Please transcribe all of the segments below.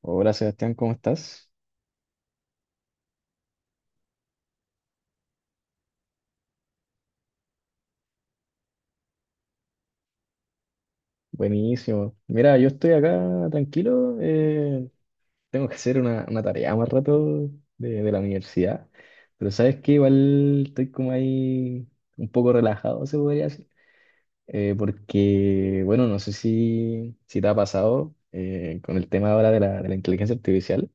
Hola Sebastián, ¿cómo estás? Buenísimo. Mira, yo estoy acá tranquilo. Tengo que hacer una tarea más rato de la universidad. Pero sabes que igual estoy como ahí un poco relajado, se podría decir. Porque, bueno, no sé si te ha pasado con el tema ahora de la inteligencia artificial,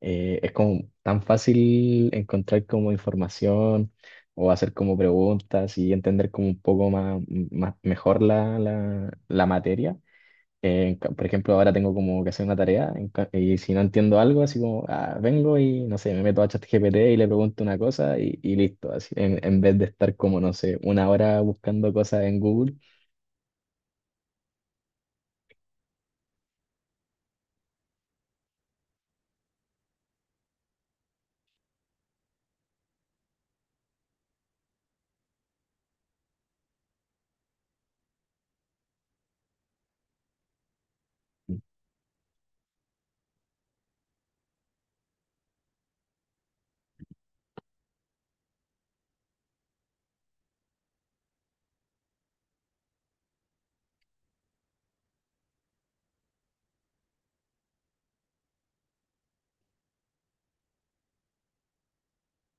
es como tan fácil encontrar como información o hacer como preguntas y entender como un poco más mejor la materia. Por ejemplo, ahora tengo como que hacer una tarea y si no entiendo algo, así como ah, vengo y no sé, me meto a ChatGPT y le pregunto una cosa y listo, así en vez de estar como, no sé, una hora buscando cosas en Google.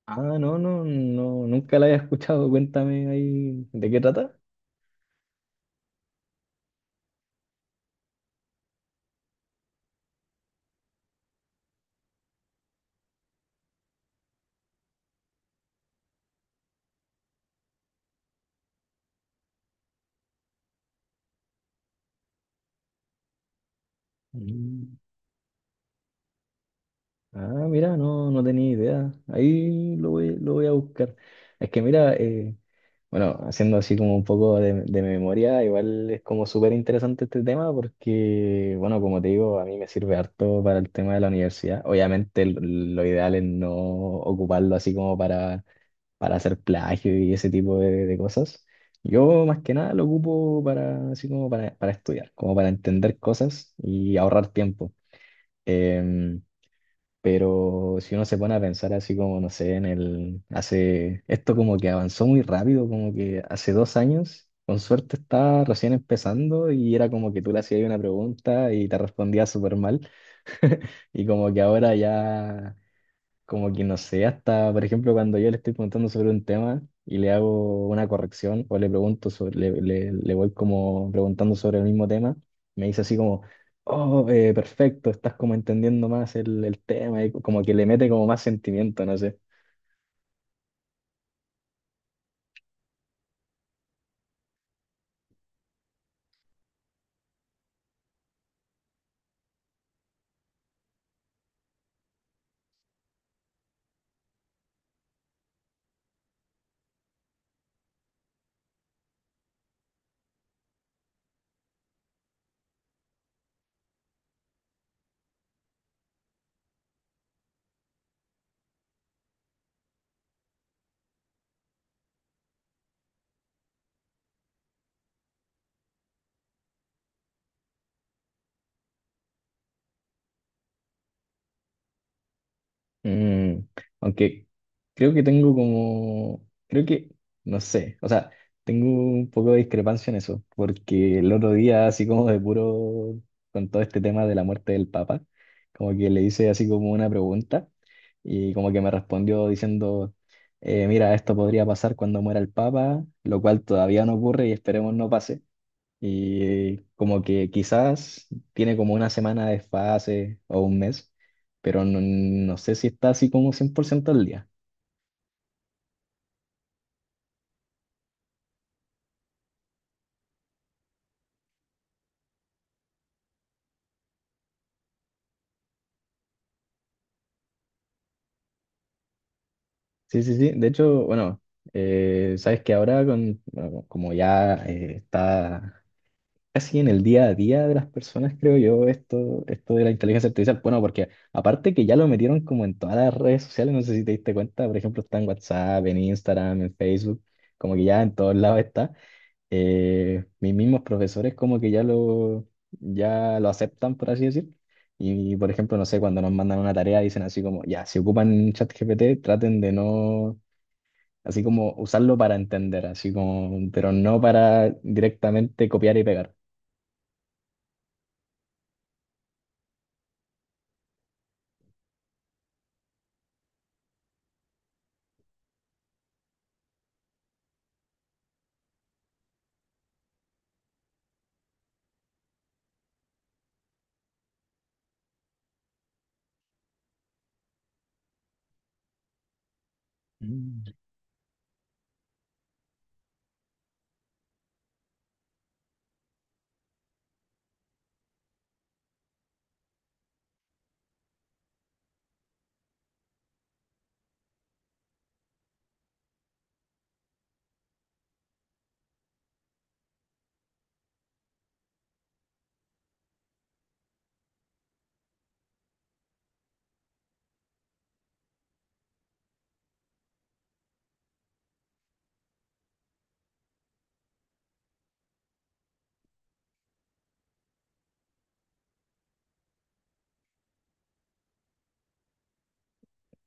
Ah, no, no, no, nunca la había escuchado. Cuéntame ahí de qué trata. Mm. Ah, mira, no, no tenía idea. Ahí lo voy a buscar. Es que mira, bueno, haciendo así como un poco de memoria, igual es como súper interesante este tema porque, bueno, como te digo, a mí me sirve harto para el tema de la universidad. Obviamente lo ideal es no ocuparlo así como para hacer plagio y ese tipo de cosas. Yo más que nada lo ocupo para, así como para estudiar, como para entender cosas y ahorrar tiempo. Em, pero si uno se pone a pensar así como, no sé, esto como que avanzó muy rápido, como que hace 2 años, con suerte estaba recién empezando y era como que tú le hacías una pregunta y te respondía súper mal y como que ahora ya como que no sé, hasta por ejemplo cuando yo le estoy preguntando sobre un tema y le hago una corrección o le pregunto sobre, le voy como preguntando sobre el mismo tema, me dice así como, oh, perfecto, estás como entendiendo más el tema y como que le mete como más sentimiento, no sé. Mm, aunque creo que tengo como, creo que, no sé, o sea, tengo un poco de discrepancia en eso, porque el otro día, así como de puro, con todo este tema de la muerte del Papa, como que le hice así como una pregunta y como que me respondió diciendo, mira, esto podría pasar cuando muera el Papa, lo cual todavía no ocurre y esperemos no pase. Y como que quizás tiene como una semana de desfase o un mes, pero no, no sé si está así como 100% al día. Sí, sí, sí. De hecho, bueno, sabes que ahora con, bueno, como ya está casi en el día a día de las personas, creo yo, esto de la inteligencia artificial, bueno, porque aparte que ya lo metieron como en todas las redes sociales, no sé si te diste cuenta, por ejemplo, está en WhatsApp, en Instagram, en Facebook, como que ya en todos lados está. Mis mismos profesores como que ya lo aceptan, por así decir. Y, por ejemplo, no sé, cuando nos mandan una tarea dicen así como, ya, si ocupan ChatGPT, traten de no, así como usarlo para entender, así como, pero no para directamente copiar y pegar. Mm.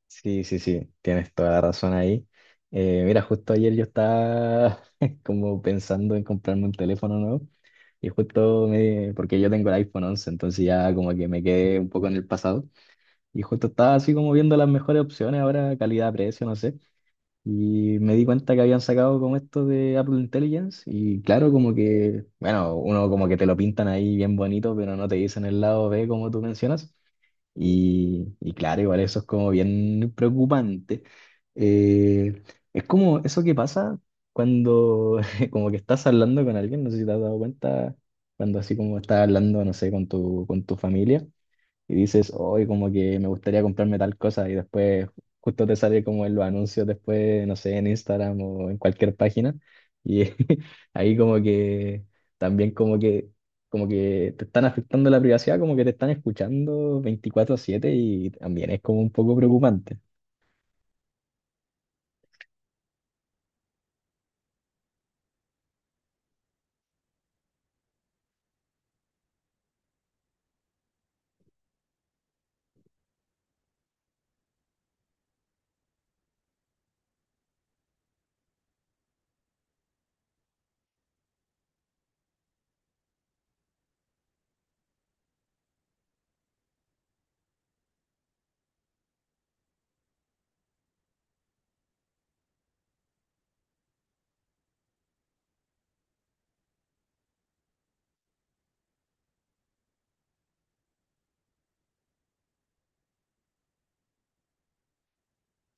Sí, sí, sí, tienes toda la razón ahí. Mira, justo ayer yo estaba como pensando en comprarme un teléfono nuevo y porque yo tengo el iPhone 11 entonces ya como que me quedé un poco en el pasado. Y justo estaba así como viendo las mejores opciones ahora, calidad-precio, no sé. Y me di cuenta que habían sacado como esto de Apple Intelligence. Y claro, como que, bueno, uno como que te lo pintan ahí bien bonito, pero no te dicen el lado B como tú mencionas. Y claro, igual eso es como bien preocupante. Eh, es como eso que pasa cuando como que estás hablando con alguien, no sé si te has dado cuenta, cuando así como estás hablando, no sé, con tu, familia y dices, hoy como que me gustaría comprarme tal cosa y después justo te sale como en los anuncios después, no sé, en Instagram o en cualquier página y ahí como que también como que te están afectando la privacidad, como que te están escuchando 24/7 y también es como un poco preocupante.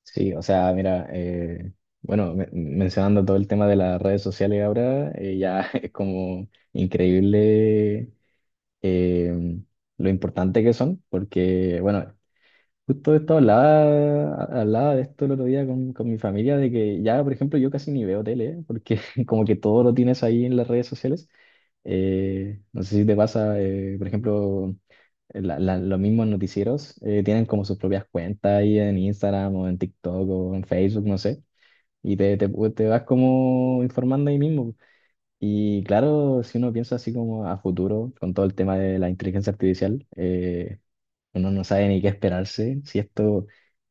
Sí, o sea, mira, bueno, mencionando todo el tema de las redes sociales ahora, ya es como increíble eh, lo importante que son, porque, bueno, justo de esto hablaba de esto el otro día con mi familia, de que ya, por ejemplo, yo casi ni veo tele, ¿eh? Porque como que todo lo tienes ahí en las redes sociales. No sé si te pasa, por ejemplo, los mismos noticieros tienen como sus propias cuentas ahí en Instagram o en TikTok o en Facebook, no sé, y te vas como informando ahí mismo. Y claro, si uno piensa así como a futuro, con todo el tema de la inteligencia artificial, uno no sabe ni qué esperarse. Si esto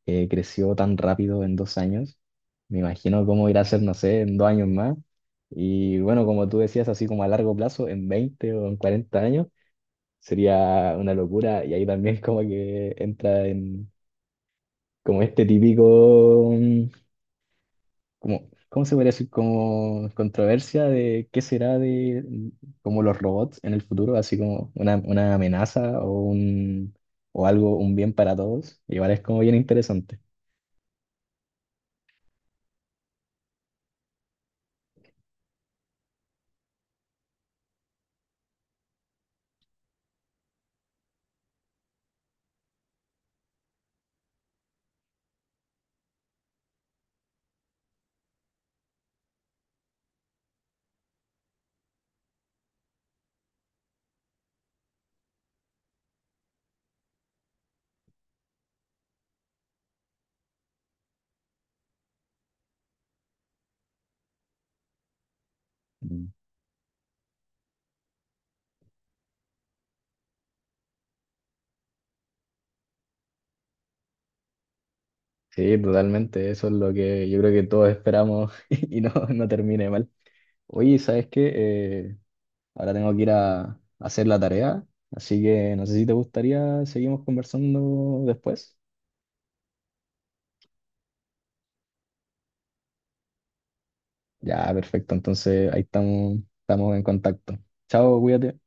creció tan rápido en 2 años, me imagino cómo irá a ser, no sé, en 2 años más. Y bueno, como tú decías, así como a largo plazo, en 20 o en 40 años, sería una locura. Y ahí también como que entra en como este típico, como, ¿cómo se podría decir? Como controversia de qué será de como los robots en el futuro, así como una, amenaza o algo, un bien para todos. Igual es como bien interesante. Mm. Sí, totalmente. Eso es lo que yo creo que todos esperamos y no, no termine mal. Oye, ¿sabes qué? Ahora tengo que ir a hacer la tarea, así que no sé si te gustaría, seguimos conversando después. Ya, perfecto. Entonces ahí estamos, estamos en contacto. Chao, cuídate.